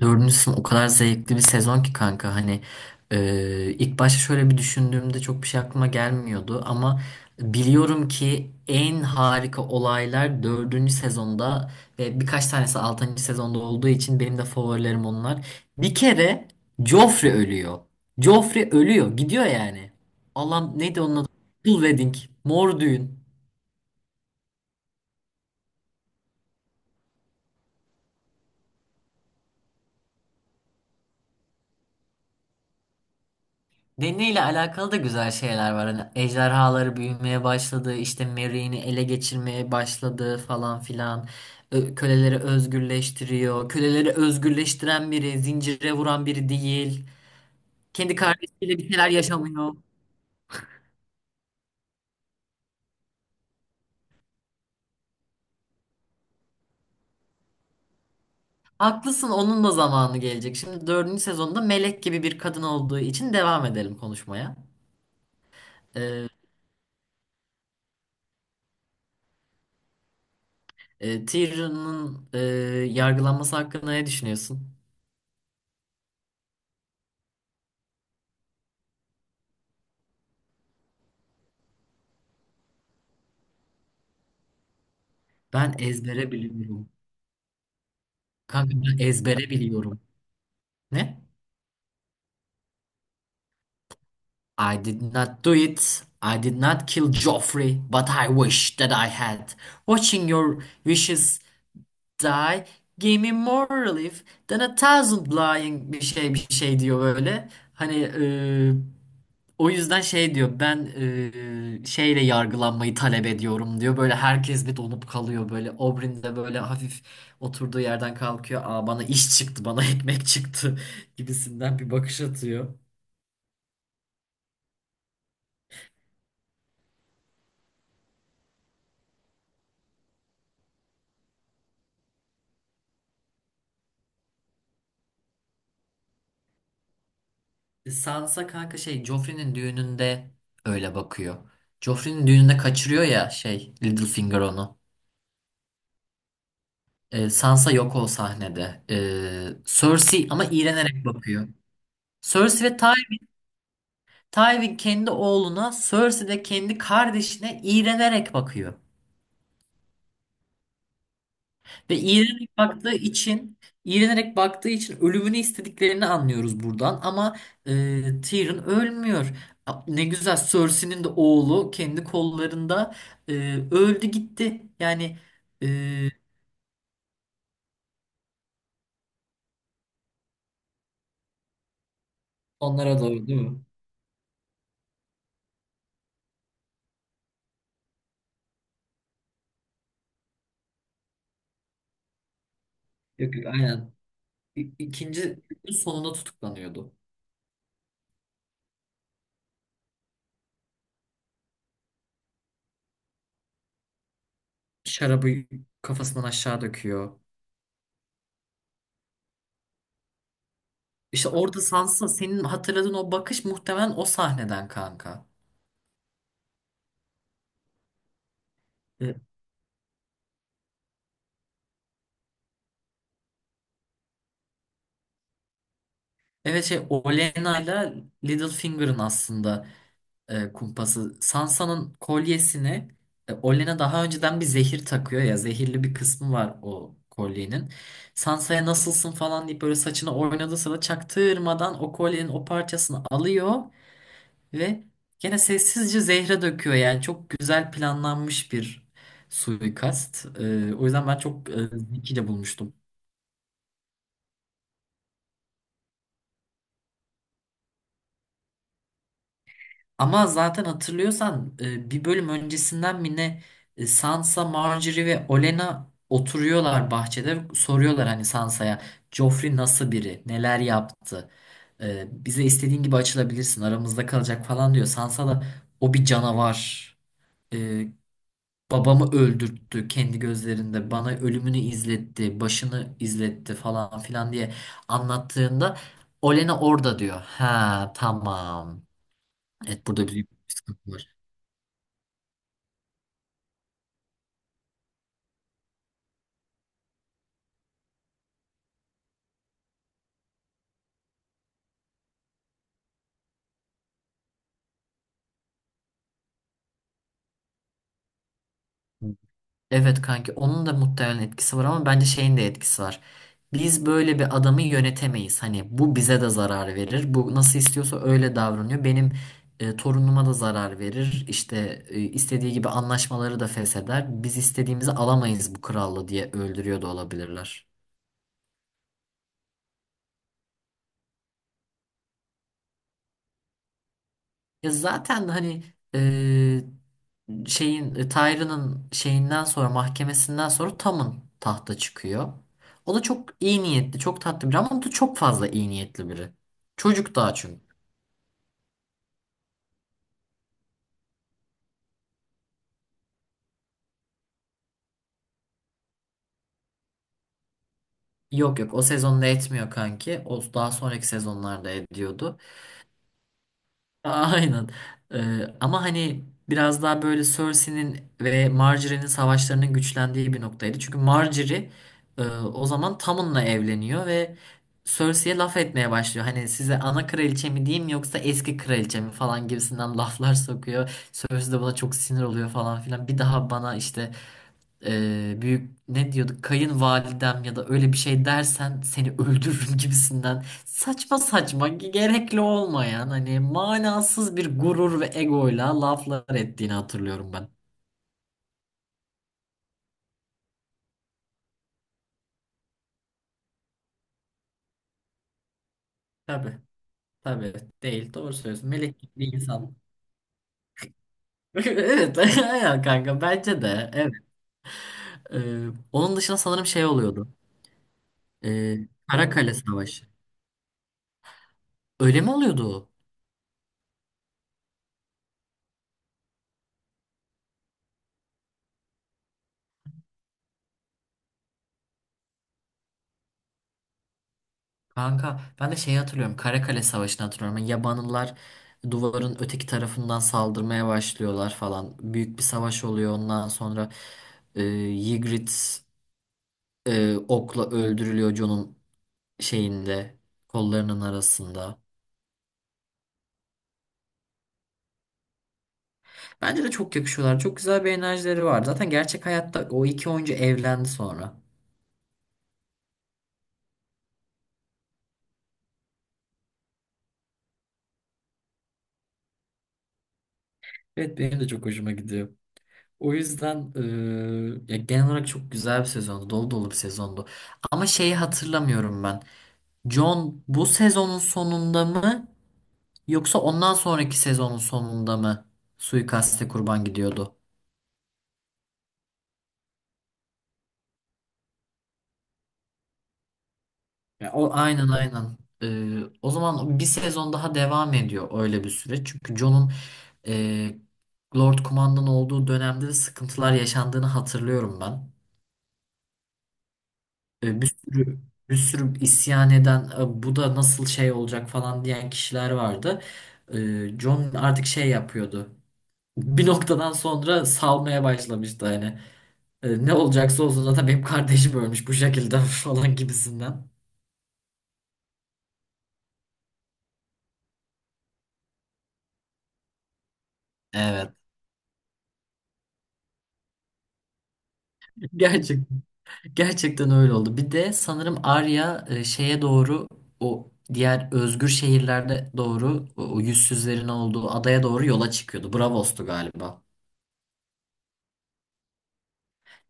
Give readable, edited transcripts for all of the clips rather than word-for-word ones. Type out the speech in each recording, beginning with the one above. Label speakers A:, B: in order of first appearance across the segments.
A: Dördüncü sınıf o kadar zevkli bir sezon ki kanka hani ilk başta şöyle bir düşündüğümde çok bir şey aklıma gelmiyordu ama biliyorum ki en harika olaylar dördüncü sezonda ve birkaç tanesi altıncı sezonda olduğu için benim de favorilerim onlar. Bir kere Joffrey ölüyor. Joffrey ölüyor gidiyor yani. Allah'ım neydi onun adı? Full Wedding. Mor düğün. Deniyle alakalı da güzel şeyler var. Hani ejderhaları büyümeye başladı, işte Merry'ini ele geçirmeye başladı falan filan. Köleleri özgürleştiriyor. Köleleri özgürleştiren biri, zincire vuran biri değil. Kendi kardeşiyle bir şeyler yaşamıyor. Haklısın, onun da zamanı gelecek. Şimdi dördüncü sezonda melek gibi bir kadın olduğu için devam edelim konuşmaya. Tyrion'un yargılanması hakkında ne düşünüyorsun? Ben ezbere biliyorum. Kanka ben ezbere biliyorum. Ne? I did not do it. I did not kill Joffrey, but I wish that I had. Watching your wishes die gave me more relief than a thousand lying bir şey bir şey diyor böyle. Hani e, o yüzden şey diyor ben şeyle yargılanmayı talep ediyorum diyor. Böyle herkes bir donup kalıyor böyle. Oberyn de böyle hafif oturduğu yerden kalkıyor. Aa bana iş çıktı bana ekmek çıktı gibisinden bir bakış atıyor. Sansa kanka şey Joffrey'nin düğününde öyle bakıyor. Joffrey'nin düğününde kaçırıyor ya şey Littlefinger onu. Sansa yok o sahnede. Cersei ama iğrenerek bakıyor. Cersei ve Ty Tywin kendi oğluna, Cersei de kendi kardeşine iğrenerek bakıyor. Ve iğrenerek baktığı için ölümünü istediklerini anlıyoruz buradan ama Tyrion ölmüyor. Ne güzel Cersei'nin de oğlu kendi kollarında e, öldü gitti. Yani e, onlara doğru değil mi? Yok yok aynen. İkinci sonunda tutuklanıyordu. Şarabı kafasından aşağı döküyor. İşte orada Sansa senin hatırladığın o bakış muhtemelen o sahneden kanka. Evet şey Olena'yla ile Littlefinger'ın aslında kumpası. Sansa'nın kolyesini Olen'a daha önceden bir zehir takıyor ya zehirli bir kısmı var o kolyenin. Sansa'ya nasılsın falan deyip böyle saçını oynadığı sırada çaktırmadan o kolyenin o parçasını alıyor ve gene sessizce zehre döküyor yani çok güzel planlanmış bir suikast. E, o yüzden ben çok zekice bulmuştum. Ama zaten hatırlıyorsan bir bölüm öncesinden mi ne Sansa, Margaery ve Olen'a oturuyorlar bahçede soruyorlar hani Sansa'ya Joffrey nasıl biri, neler yaptı, e, bize istediğin gibi açılabilirsin, aramızda kalacak falan diyor. Sansa da o bir canavar, e, babamı öldürttü kendi gözlerinde, bana ölümünü izletti, başını izletti falan filan diye anlattığında Olen'a orada diyor. Ha tamam. Evet burada büyük bir sıkıntı var. Evet kanki onun da muhtemelen etkisi var ama bence şeyin de etkisi var. Biz böyle bir adamı yönetemeyiz. Hani bu bize de zarar verir. Bu nasıl istiyorsa öyle davranıyor. Benim torunuma da zarar verir. İşte istediği gibi anlaşmaları da fesheder. Biz istediğimizi alamayız bu kralla diye öldürüyor da olabilirler. Ya zaten hani e, şeyin Tyrion'un şeyinden sonra mahkemesinden sonra Tom'un tahta çıkıyor. O da çok iyi niyetli, çok tatlı biri ama o da çok fazla iyi niyetli biri. Çocuk daha çünkü. Yok yok o sezonda etmiyor kanki. O daha sonraki sezonlarda ediyordu. Aynen. Ama hani biraz daha böyle Cersei'nin ve Marjorie'nin savaşlarının güçlendiği bir noktaydı. Çünkü Marjorie o zaman Tommen'la evleniyor ve Cersei'ye laf etmeye başlıyor. Hani size ana kraliçe mi diyeyim yoksa eski kraliçe mi falan gibisinden laflar sokuyor. Cersei de buna çok sinir oluyor falan filan. Bir daha bana işte büyük ne diyorduk kayınvalidem ya da öyle bir şey dersen seni öldürürüm gibisinden saçma saçma gerekli olmayan hani manasız bir gurur ve egoyla laflar ettiğini hatırlıyorum ben. Tabii tabii değil doğru söylüyorsun melek gibi bir insan. Evet ya kanka bence de evet. Onun dışında sanırım şey oluyordu. Ee, Karakale Savaşı. Öyle mi oluyordu? O? Kanka ben de şeyi hatırlıyorum Karakale Savaşı'nı hatırlıyorum. Yani Yabanlılar duvarın öteki tarafından saldırmaya başlıyorlar falan. Büyük bir savaş oluyor ondan sonra e, Ygritte okla öldürülüyor John'un şeyinde kollarının arasında. Bence de çok yakışıyorlar. Çok güzel bir enerjileri var. Zaten gerçek hayatta o iki oyuncu evlendi sonra. Evet benim de çok hoşuma gidiyor. O yüzden ya genel olarak çok güzel bir sezondu. Dolu dolu bir sezondu. Ama şeyi hatırlamıyorum ben. John bu sezonun sonunda mı yoksa ondan sonraki sezonun sonunda mı suikaste kurban gidiyordu? Ya, o aynen aynen. O zaman bir sezon daha devam ediyor öyle bir süreç. Çünkü Jon'un e, Lord Kumandan olduğu dönemde de sıkıntılar yaşandığını hatırlıyorum ben. E, bir sürü isyan eden "E, bu da nasıl şey olacak falan diyen kişiler vardı. E, Jon artık şey yapıyordu. Bir noktadan sonra salmaya başlamıştı hani. E, ne olacaksa olsun zaten benim kardeşim ölmüş bu şekilde falan gibisinden. Evet. Gerçek. Gerçekten öyle oldu. Bir de sanırım Arya şeye doğru o diğer özgür şehirlerde doğru o yüzsüzlerin olduğu adaya doğru yola çıkıyordu. Braavos'tu galiba.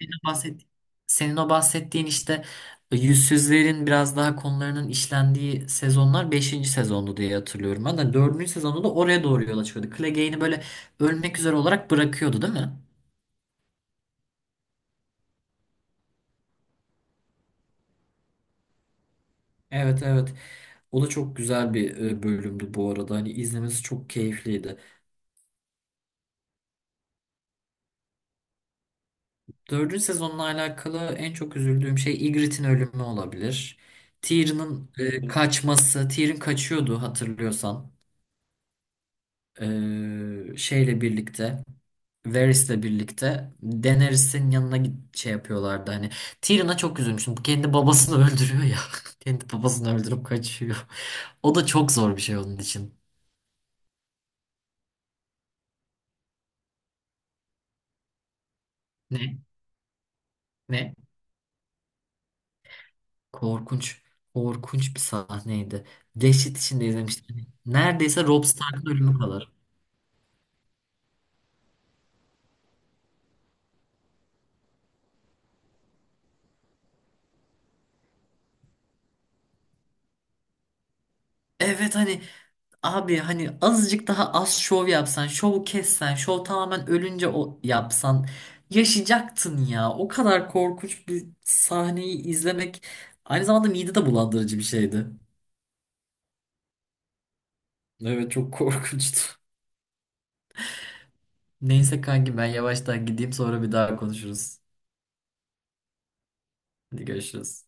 A: Senin o bahsettiğin, senin o bahsettiğin işte yüzsüzlerin biraz daha konularının işlendiği sezonlar beşinci sezondu diye hatırlıyorum. Ben de 4. sezonda da oraya doğru yola çıkıyordu. Clegane'i böyle ölmek üzere olarak bırakıyordu değil mi? Evet evet. O da çok güzel bir bölümdü bu arada. Hani izlemesi çok keyifliydi. Dördüncü sezonla alakalı en çok üzüldüğüm şey Ygritte'in ölümü olabilir. Tyrion'un kaçması, Tyrion kaçıyordu hatırlıyorsan. E, şeyle birlikte, Varys'le birlikte Daenerys'in yanına git şey yapıyorlardı hani. Tyrion'a çok üzülmüştüm. Bu kendi babasını öldürüyor ya. Kendi babasını öldürüp kaçıyor. O da çok zor bir şey onun için. Ne? Ne? Korkunç. Korkunç bir sahneydi. Dehşet içinde izlemiştim. Hani neredeyse Robb Stark'ın ölümü kadar. Evet hani abi hani azıcık daha az şov yapsan, şovu kessen, şov tamamen ölünce o yapsan yaşayacaktın ya. O kadar korkunç bir sahneyi izlemek aynı zamanda mide de bulandırıcı bir şeydi. Evet çok korkunçtu. Neyse kanki ben yavaştan gideyim sonra bir daha konuşuruz. Hadi görüşürüz.